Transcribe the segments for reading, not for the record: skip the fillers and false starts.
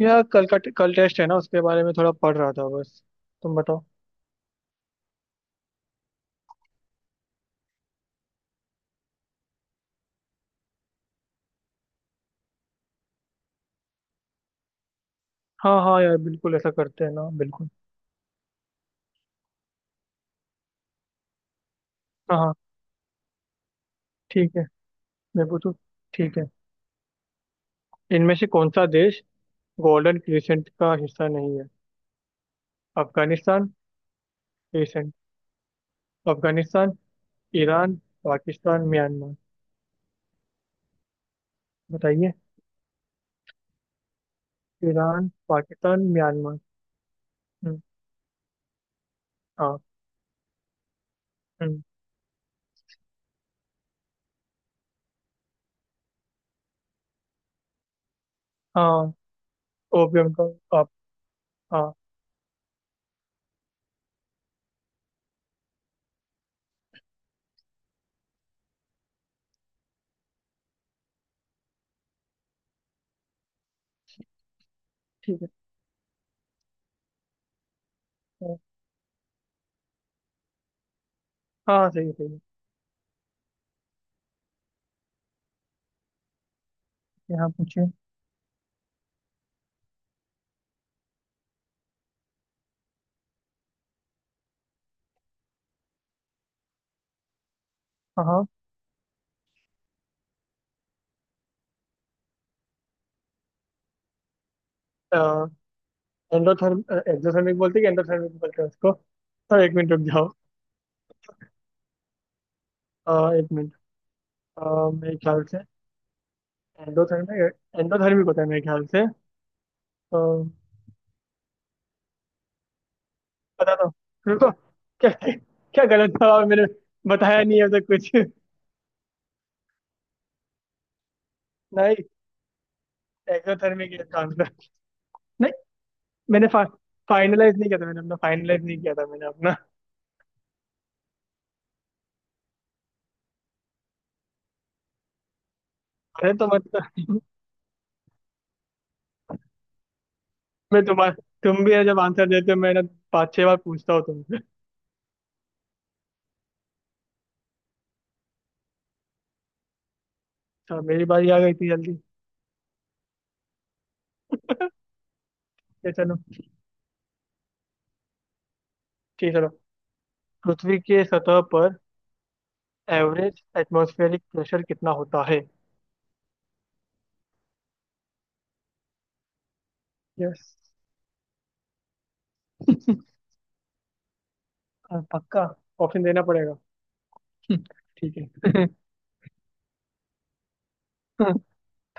यार कल का कल टेस्ट है ना, उसके बारे में थोड़ा पढ़ रहा था बस। तुम बताओ। हाँ हाँ यार, बिल्कुल ऐसा करते हैं ना, बिल्कुल। हाँ हाँ। ठीक है, मैं पूछूं। ठीक है। इनमें से कौन सा देश गोल्डन क्रिसेंट का हिस्सा नहीं है? Afghanistan, crescent, Afghanistan, Iran, Pakistan, Myanmar. बताइए। Iran, Pakistan, Myanmar. हम्म। हाँ। हम्म। हाँ, ओपियम का। आप। हाँ। ठीक है। हाँ हाँ, सही है, सही है। यहाँ पूछिए। हाँ हाँ। एंडोथर्म, एक्सोथर्मिक बोलते हैं कि एंडोथर्मिक बोलते हैं उसको? हाँ, एक मिनट रुक जाओ। एक मिनट। मेरे ख्याल से एंडोथर्मिक, एंडोथर्मिक होता है मेरे ख्याल से, तो बता दो। रुको। क्या? क्या गलत था मैंने? बताया नहीं है अब तक कुछ। नहीं, एक्सोथर्मिक है इसका आंसर। नहीं, मैंने फाइनलाइज नहीं किया था मैंने अपना, फाइनलाइज नहीं किया था मैंने अपना। अरे, तो मतलब मैं तुम्हारा। तुम भी है जब आंसर देते हो मैं ना पाँच छह बार पूछता हूँ तुमसे। तो मेरी बारी आ गई इतनी जल्दी? ये चलो, ठीक है, चलो। पृथ्वी के सतह पर एवरेज एटमॉस्फेरिक प्रेशर कितना होता है? यस। पक्का। ऑप्शन देना पड़ेगा। हम्म, ठीक है।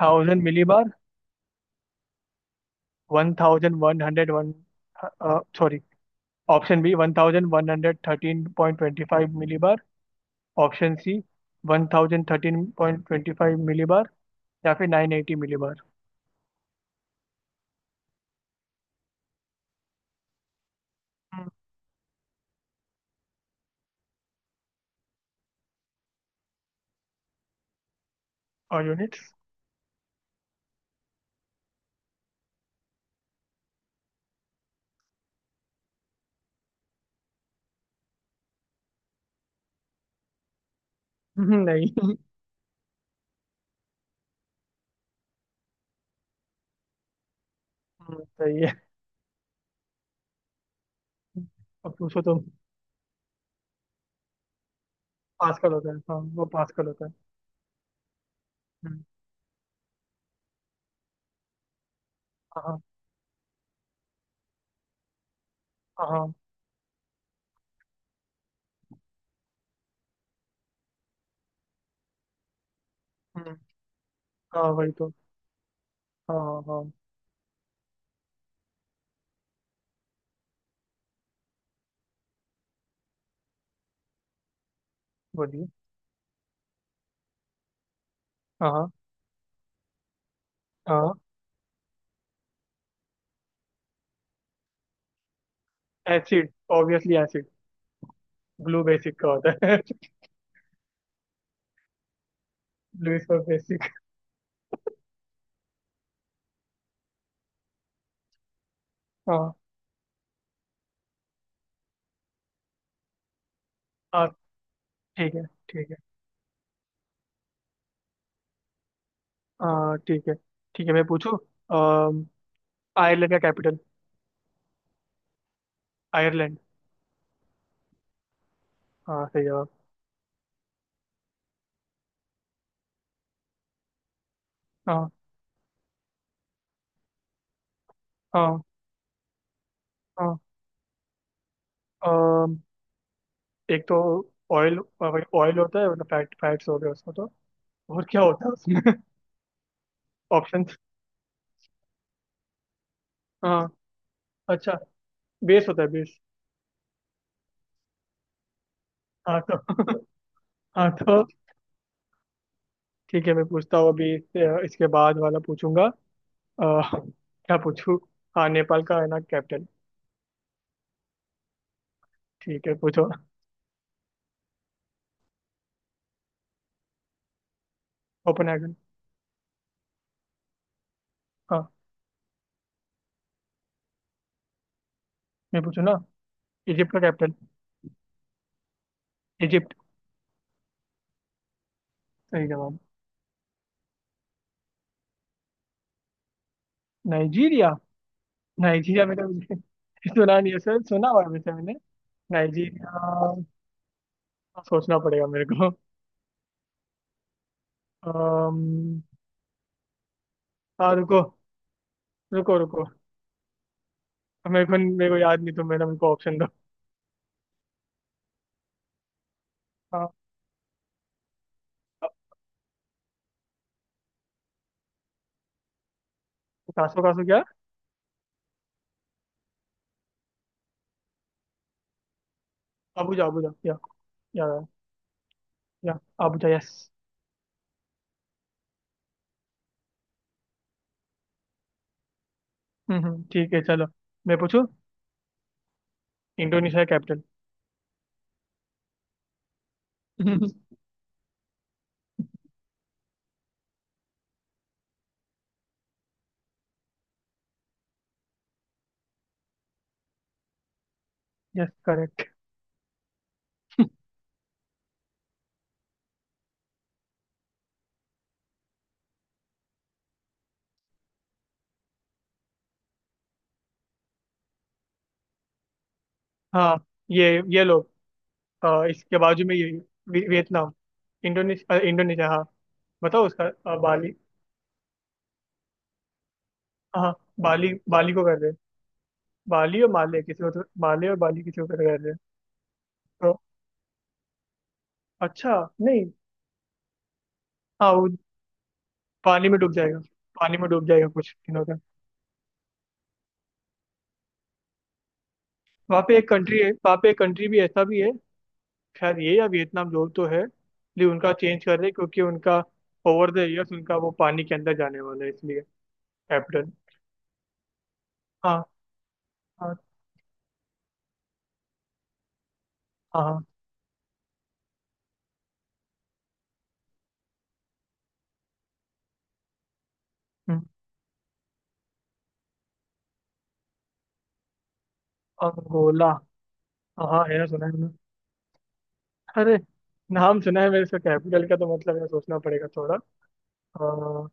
1000 millibar. 1101, sorry, option B, 1113.25 millibar. Option सी, 1013.25 मिलीबार। या फिर 980 मिलीबार। और यूनिट्स? नहीं। सही है। अब पूछो तो। पास्कल होता है, हाँ वो पास्कल होता है। हम्म। हाँ हाँ। हाँ, हाँ वही तो। हाँ हाँ। बोलिए। हाँ हाँ। Acid, obviously acid. Blue basic का होता है। Blue is for basic. हाँ। हाँ। ठीक है ठीक है। हाँ ठीक है। ठीक है, मैं पूछूँ। आयरलैंड का कैपिटल? आयरलैंड। हाँ, सही जवाब। हाँ। हाँ। हाँ। अम, एक तो ऑयल, ऑयल होता है, मतलब फैट, फैट्स हो गए उसमें तो। और क्या होता है उसमें? ऑप्शंस। हाँ। अच्छा, बेस होता है, बेस। हाँ तो। हाँ तो ठीक है, मैं पूछता हूँ, अभी इससे इसके बाद वाला पूछूंगा। अह, क्या पूछूँ? हाँ, नेपाल का है ना कैपिटल? ठीक है, पूछो। कोपेनहेगन। हाँ। मैं पूछूँ ना। इजिप्ट का कैपिटल? इजिप्ट। सही जवाब। नाइजीरिया। नाइजीरिया में तो मुझे सुना नहीं है, सर सुना हुआ है वैसे मैंने। नाइजीरिया, सोचना पड़ेगा मेरे को। अम्म, हाँ रुको, रुको रुको। मेरे को याद नहीं, तो मेरा मेरे को ऑप्शन दो। हाँ। कासो, कासो क्या? Abuja, Abuja? या या अबुजा, यस। ठीक है, चलो, मैं पूछूं। Indonesia capital? Yes, correct. हाँ, ये लोग, इसके बाजू में ये, वियतनाम, इंडोनेशिया, इंडोनेशिया, हाँ। बताओ उसका, बाली। हाँ, बाली, बाली को कर रहे हैं? बाली और माले, किसी को तो माले और बाली किसी को कर रहे हैं? तो अच्छा, नहीं। हाँ वो पानी में डूब जाएगा, पानी में डूब जाएगा कुछ दिनों तक। वहाँ पे एक कंट्री है, वहाँ पे एक कंट्री भी ऐसा भी है। खैर ये या वियतनाम जो तो है, लेकिन उनका चेंज कर रहे हैं, क्योंकि उनका ओवर द ईयर्स उनका वो पानी के अंदर जाने वाला है, इसलिए। कैप्टन। हाँ हाँ हाँ, हाँ। हम्म। अंगोला। हाँ हाँ, है ना, सुना है मैंने। अरे, नाम सुना है मेरे, इसका कैपिटल का तो मतलब है, सोचना पड़ेगा थोड़ा। आ,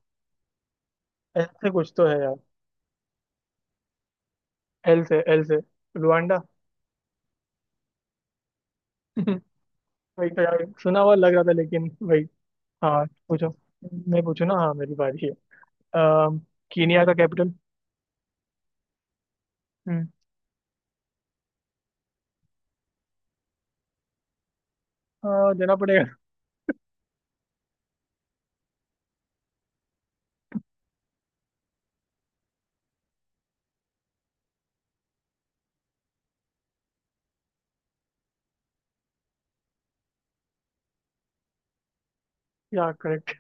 एल से कुछ तो है यार। एल से, एल से। रुआंडा। वही तो यार, सुना हुआ लग रहा था, लेकिन वही। हाँ पूछो। मैं पूछू ना, हाँ मेरी बारी है। अम, कीनिया का कैपिटल? हम्म। हाँ, देना पड़ेगा। क्या? करेक्ट।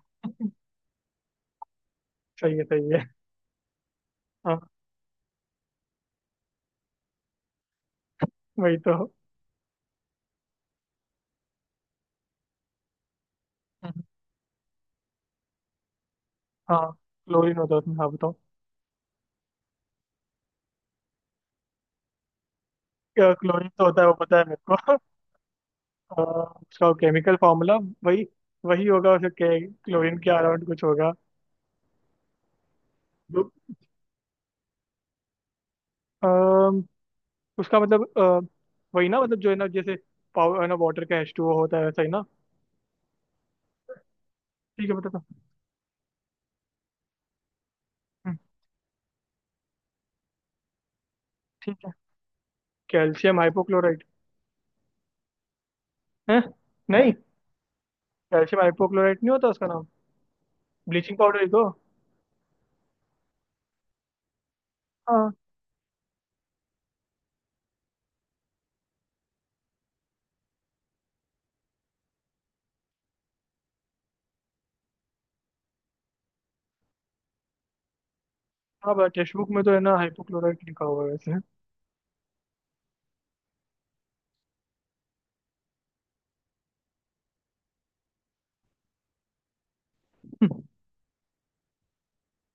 सही है, सही है। हाँ वही तो। हम्म। हाँ, क्लोरीन होता है उसमें, हाँ बताओ। क्या, क्लोरीन तो होता है वो पता है मेरे को। अ, उसका केमिकल फॉर्मूला वही, वही होगा उसका, क्लोरीन के अराउंड कुछ होगा। जो- अम्म, उसका मतलब, वही ना, मतलब जो है ना, जैसे पावर है ना वाटर का H2O होता है, वैसा ही ना। ठीक है, बता दो। हम्म, ठीक है। Calcium hypochlorite. है। नहीं, कैल्शियम हाइपोक्लोराइट नहीं होता उसका नाम? ब्लीचिंग पाउडर ही तो। हाँ हाँ, टेक्स्ट बुक में तो है ना, हाइपोक्लोराइट लिखा हुआ है वैसे।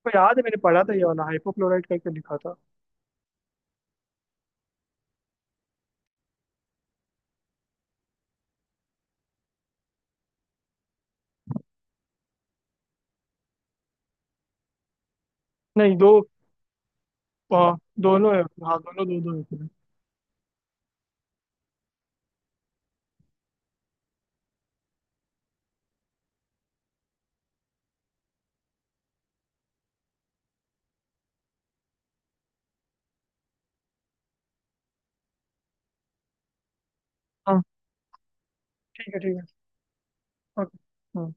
को याद है, मैंने पढ़ा था ये वाला हाइपोक्लोराइड करके लिखा था। नहीं दो, दोनों है, हाँ दोनों दो दो है। हाँ, ठीक है, ठीक है, ओके। हाँ।